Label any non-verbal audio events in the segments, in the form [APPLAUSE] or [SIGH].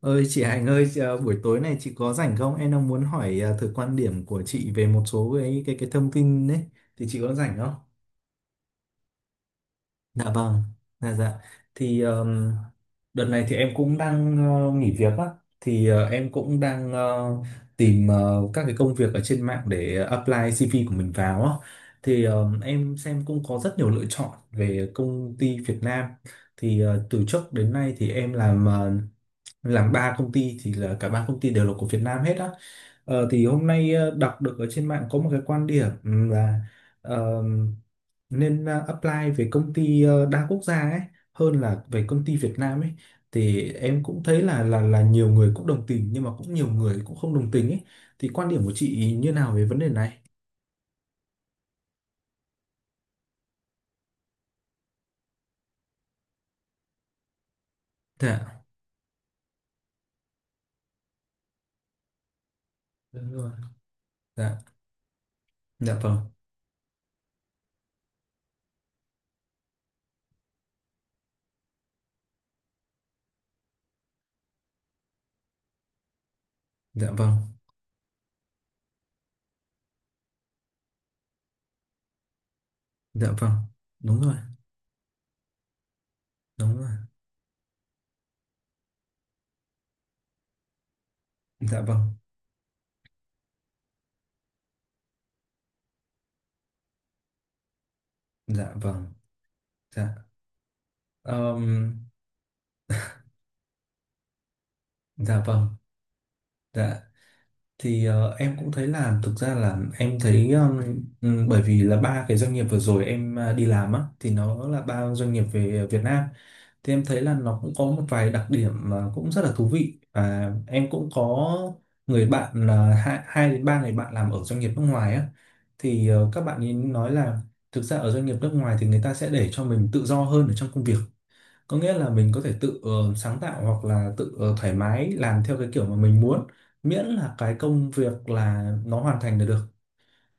Ơi chị Hạnh ơi, buổi tối này chị có rảnh không? Em đang muốn hỏi thử quan điểm của chị về một số cái thông tin đấy. Thì chị có rảnh không? Dạ vâng. Dạ dạ. Thì đợt này thì em cũng đang nghỉ việc á. Thì em cũng đang tìm các cái công việc ở trên mạng để apply CV của mình vào á. Thì em xem cũng có rất nhiều lựa chọn về công ty Việt Nam. Thì từ trước đến nay thì em làm ba công ty thì là cả ba công ty đều là của Việt Nam hết á. Thì hôm nay đọc được ở trên mạng có một cái quan điểm là ờ, nên apply về công ty đa quốc gia ấy, hơn là về công ty Việt Nam ấy. Thì em cũng thấy là nhiều người cũng đồng tình nhưng mà cũng nhiều người cũng không đồng tình ấy. Thì quan điểm của chị như nào về vấn đề này? Dạ. Đúng rồi. Dạ. Dạ vâng. Dạ vâng. Dạ vâng. Đúng rồi. Đúng rồi. Dạ vâng. Dạ vâng. Dạ. Ờm, Dạ vâng, dạ. Thì em cũng thấy là thực ra là em thấy bởi vì là ba cái doanh nghiệp vừa rồi em đi làm á thì nó là ba doanh nghiệp về Việt Nam. Thì em thấy là nó cũng có một vài đặc điểm mà cũng rất là thú vị, và em cũng có người bạn là hai đến ba người bạn làm ở doanh nghiệp nước ngoài á. Thì các bạn ấy nói là thực ra ở doanh nghiệp nước ngoài thì người ta sẽ để cho mình tự do hơn ở trong công việc, có nghĩa là mình có thể tự sáng tạo hoặc là tự thoải mái làm theo cái kiểu mà mình muốn, miễn là cái công việc là nó hoàn thành là được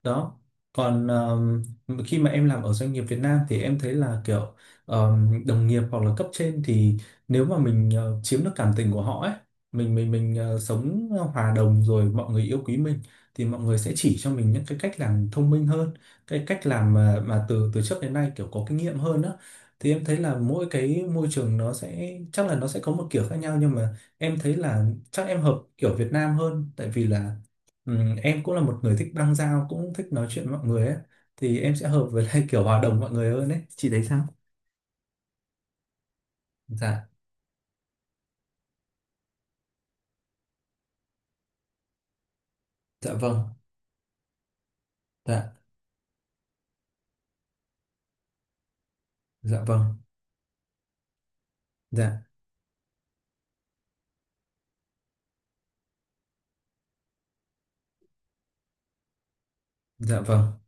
đó. Còn khi mà em làm ở doanh nghiệp Việt Nam thì em thấy là kiểu đồng nghiệp hoặc là cấp trên thì nếu mà mình chiếm được cảm tình của họ ấy, mình sống hòa đồng rồi mọi người yêu quý mình, thì mọi người sẽ chỉ cho mình những cái cách làm thông minh hơn, cái cách làm mà từ từ trước đến nay kiểu có kinh nghiệm hơn đó. Thì em thấy là mỗi cái môi trường nó sẽ chắc là nó sẽ có một kiểu khác nhau, nhưng mà em thấy là chắc em hợp kiểu Việt Nam hơn, tại vì là Ừ, em cũng là một người thích băng giao, cũng thích nói chuyện với mọi người ấy. Thì em sẽ hợp với lại [LAUGHS] kiểu hòa đồng mọi người hơn ấy, chị thấy sao? Dạ. Dạ vâng. Dạ. Dạ vâng. Dạ. Dạ vâng.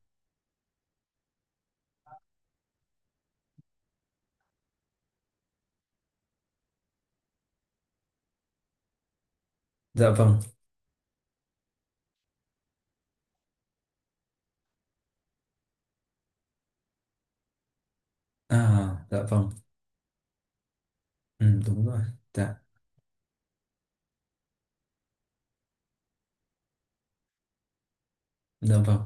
Dạ vâng. À, dạ vâng. Ừ, đúng rồi. Dạ. Dạ vâng.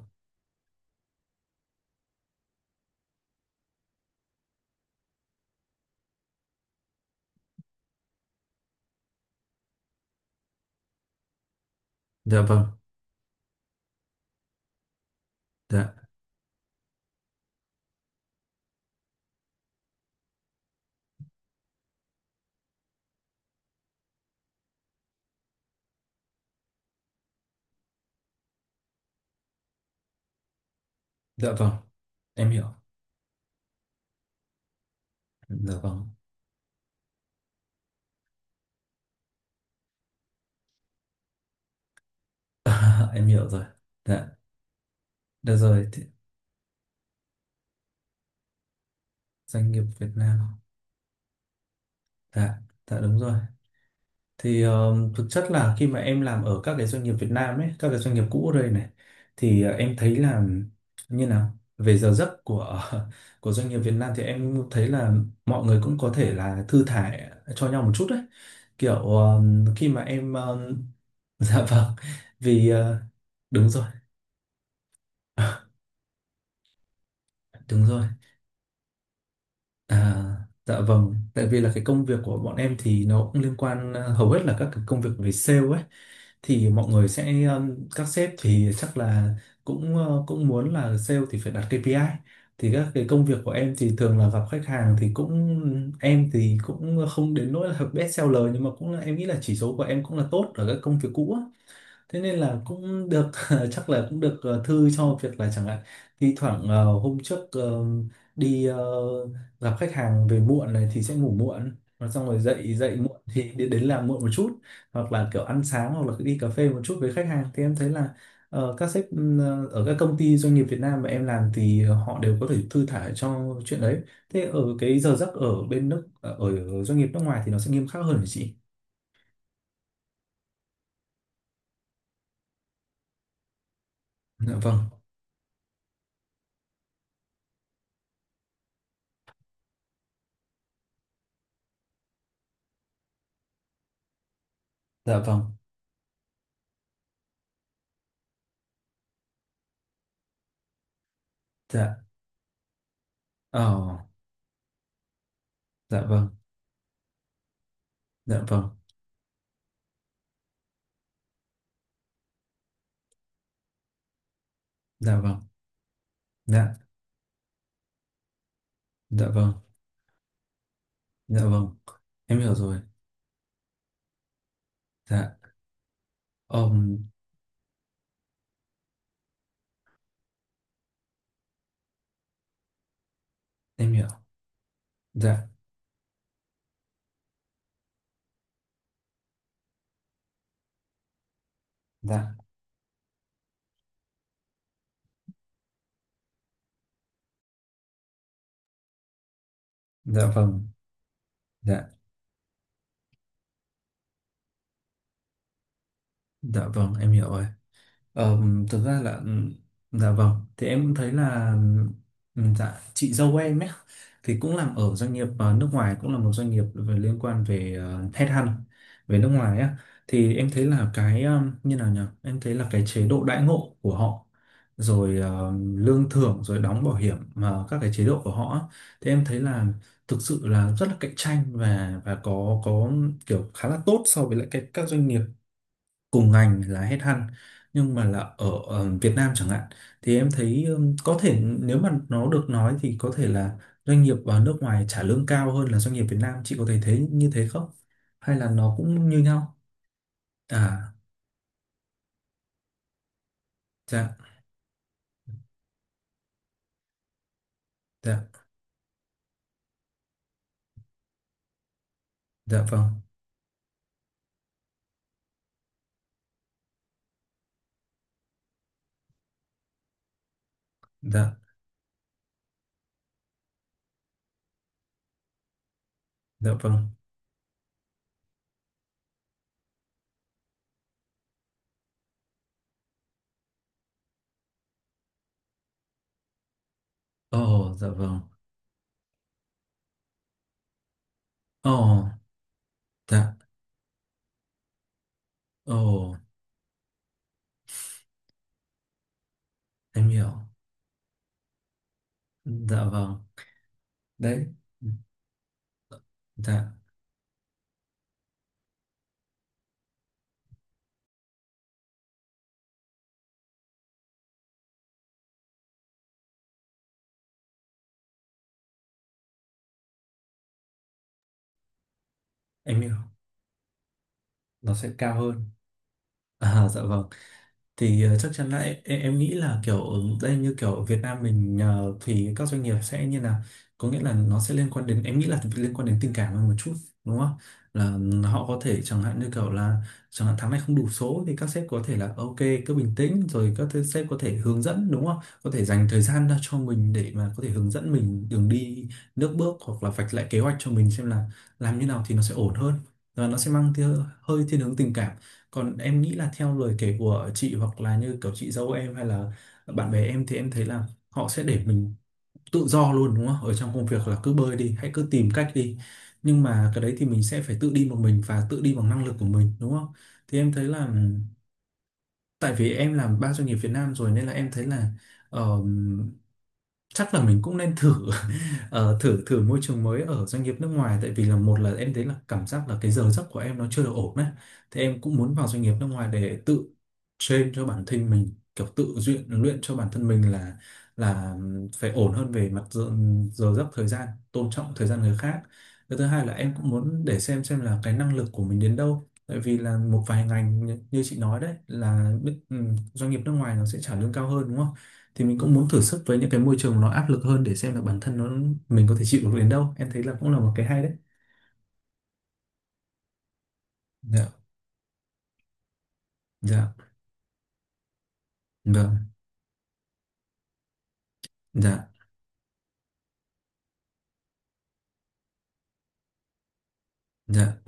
Dạ vâng. Dạ. Dạ vâng. Em hiểu. Dạ vâng. [LAUGHS] Em hiểu rồi. Dạ, được rồi thì doanh nghiệp Việt Nam. Dạ. Dạ, đúng rồi. Thì thực chất là khi mà em làm ở các cái doanh nghiệp Việt Nam ấy, các cái doanh nghiệp cũ ở đây này, thì em thấy là như nào về giờ giấc của [LAUGHS] của doanh nghiệp Việt Nam thì em thấy là mọi người cũng có thể là thư thả cho nhau một chút đấy, kiểu khi mà em [LAUGHS] dạ vâng vì đúng rồi [LAUGHS] đúng rồi. À, dạ vâng, tại vì là cái công việc của bọn em thì nó cũng liên quan hầu hết là các cái công việc về sale ấy. Thì mọi người sẽ các sếp thì chắc là cũng cũng muốn là sale thì phải đặt KPI. Thì các cái công việc của em thì thường là gặp khách hàng, thì cũng em thì cũng không đến nỗi là [LAUGHS] best seller, nhưng mà cũng là em nghĩ là chỉ số của em cũng là tốt ở các công việc cũ. Thế nên là cũng được [LAUGHS] chắc là cũng được thư cho việc là chẳng hạn thi thoảng hôm trước đi gặp khách hàng về muộn này, thì sẽ ngủ muộn và xong rồi dậy dậy muộn thì đến làm muộn một chút, hoặc là kiểu ăn sáng hoặc là đi cà phê một chút với khách hàng. Thì em thấy là các sếp ở các công ty doanh nghiệp Việt Nam mà em làm thì họ đều có thể thư thả cho chuyện đấy. Thế ở cái giờ giấc ở bên nước ở ở doanh nghiệp nước ngoài thì nó sẽ nghiêm khắc hơn hả chị? Dạ vâng. Dạ vâng. Dạ. Ờ. Dạ vâng. Dạ vâng. Dạ vâng. Dạ. Dạ vâng. Dạ vâng. Em hiểu rồi. Dạ. ôm, em hiểu. Dạ. Dạ. Dạ vâng. Dạ. Dạ vâng. Em hiểu rồi. Ờ, Thực ra là dạ vâng, thì em thấy là dạ chị dâu em ấy, thì cũng làm ở doanh nghiệp nước ngoài, cũng là một doanh nghiệp về liên quan về headhunt về nước ngoài á. Thì em thấy là cái như nào nhỉ, em thấy là cái chế độ đãi ngộ của họ, rồi lương thưởng, rồi đóng bảo hiểm mà các cái chế độ của họ á, thì em thấy là thực sự là rất là cạnh tranh và có kiểu khá là tốt so với lại cái, các doanh nghiệp cùng ngành là headhunt, nhưng mà là ở, Việt Nam chẳng hạn. Thì em thấy có thể nếu mà nó được nói thì có thể là doanh nghiệp ở nước ngoài trả lương cao hơn là doanh nghiệp Việt Nam, chị có thể thấy như thế không hay là nó cũng như nhau? À. Dạ. Dạ. Dạ vâng. Dạ. Dạ vâng. Ồ. Dạ vâng. Ồ. Dạ. Ồ. Em hiểu. Dạ vâng. Đấy. Dạ em hiểu. Nó sẽ cao hơn. À, dạ vâng. Thì chắc chắn là em nghĩ là kiểu ở đây như kiểu ở Việt Nam mình thì các doanh nghiệp sẽ như là, có nghĩa là nó sẽ liên quan đến em nghĩ là liên quan đến tình cảm hơn một chút, đúng không? Là họ có thể chẳng hạn như kiểu là chẳng hạn tháng này không đủ số thì các sếp có thể là ok, cứ bình tĩnh, rồi các sếp có thể hướng dẫn, đúng không, có thể dành thời gian ra cho mình để mà có thể hướng dẫn mình đường đi nước bước hoặc là vạch lại kế hoạch cho mình xem là làm như nào thì nó sẽ ổn hơn. Và nó sẽ mang hơi thiên hướng tình cảm. Còn em nghĩ là theo lời kể của chị hoặc là như kiểu chị dâu em hay là bạn bè em thì em thấy là họ sẽ để mình tự do luôn, đúng không? Ở trong công việc là cứ bơi đi, hãy cứ tìm cách đi. Nhưng mà cái đấy thì mình sẽ phải tự đi một mình và tự đi bằng năng lực của mình, đúng không? Thì em thấy là tại vì em làm ba doanh nghiệp Việt Nam rồi nên là em thấy là chắc là mình cũng nên thử [LAUGHS] thử thử môi trường mới ở doanh nghiệp nước ngoài, tại vì là một là em thấy là cảm giác là cái giờ giấc của em nó chưa được ổn đấy. Thì em cũng muốn vào doanh nghiệp nước ngoài để tự train cho bản thân mình, kiểu tự luyện luyện cho bản thân mình là phải ổn hơn về mặt giờ giấc, thời gian, tôn trọng thời gian người khác. Cái thứ hai là em cũng muốn để xem là cái năng lực của mình đến đâu, tại vì là một vài ngành như như chị nói đấy là doanh nghiệp nước ngoài nó sẽ trả lương cao hơn, đúng không? Thì mình cũng muốn thử sức với những cái môi trường nó áp lực hơn để xem là bản thân nó mình có thể chịu được đến đâu, em thấy là cũng là một cái hay đấy. Dạ. Dạ vâng. Dạ. Dạ.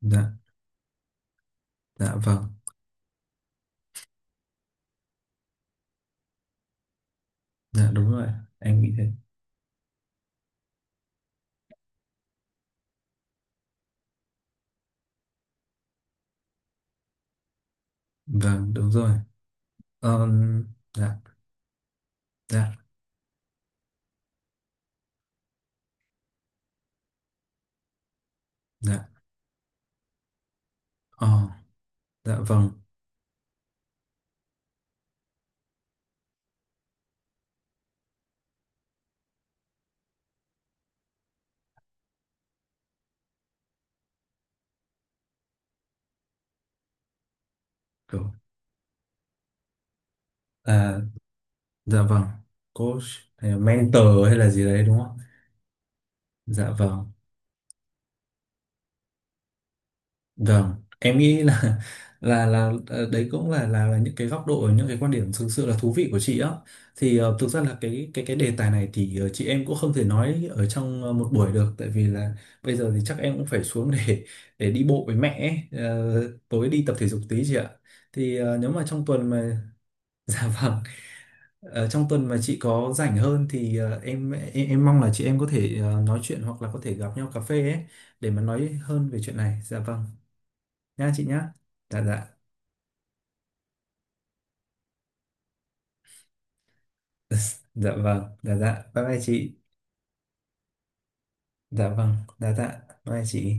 Dạ. Dạ vâng. Dạ, đúng rồi. Em nghĩ thế. Vâng, đúng rồi. Ờm, dạ. Dạ. Dạ. Ờ. Dạ vâng. Kiểu. À, dạ vâng. Coach hay là mentor hay là gì đấy đúng không? Dạ vâng. Vâng, em nghĩ là đấy cũng là những cái góc độ, những cái quan điểm thực sự là thú vị của chị á. Thì thực ra là cái đề tài này thì chị em cũng không thể nói ở trong một buổi được, tại vì là bây giờ thì chắc em cũng phải xuống để đi bộ với mẹ ấy. Ờ, Tối đi tập thể dục tí chị ạ. Thì nếu mà trong tuần mà [LAUGHS] dạ vâng, trong tuần mà chị có rảnh hơn thì em mong là chị em có thể nói chuyện hoặc là có thể gặp nhau cà phê ấy, để mà nói hơn về chuyện này. Dạ vâng, nha chị nhá. Dạ. Dạ. [LAUGHS] Dạ vâng. Dạ. Dạ bye bye chị. Dạ vâng. Dạ. Dạ bye bye chị.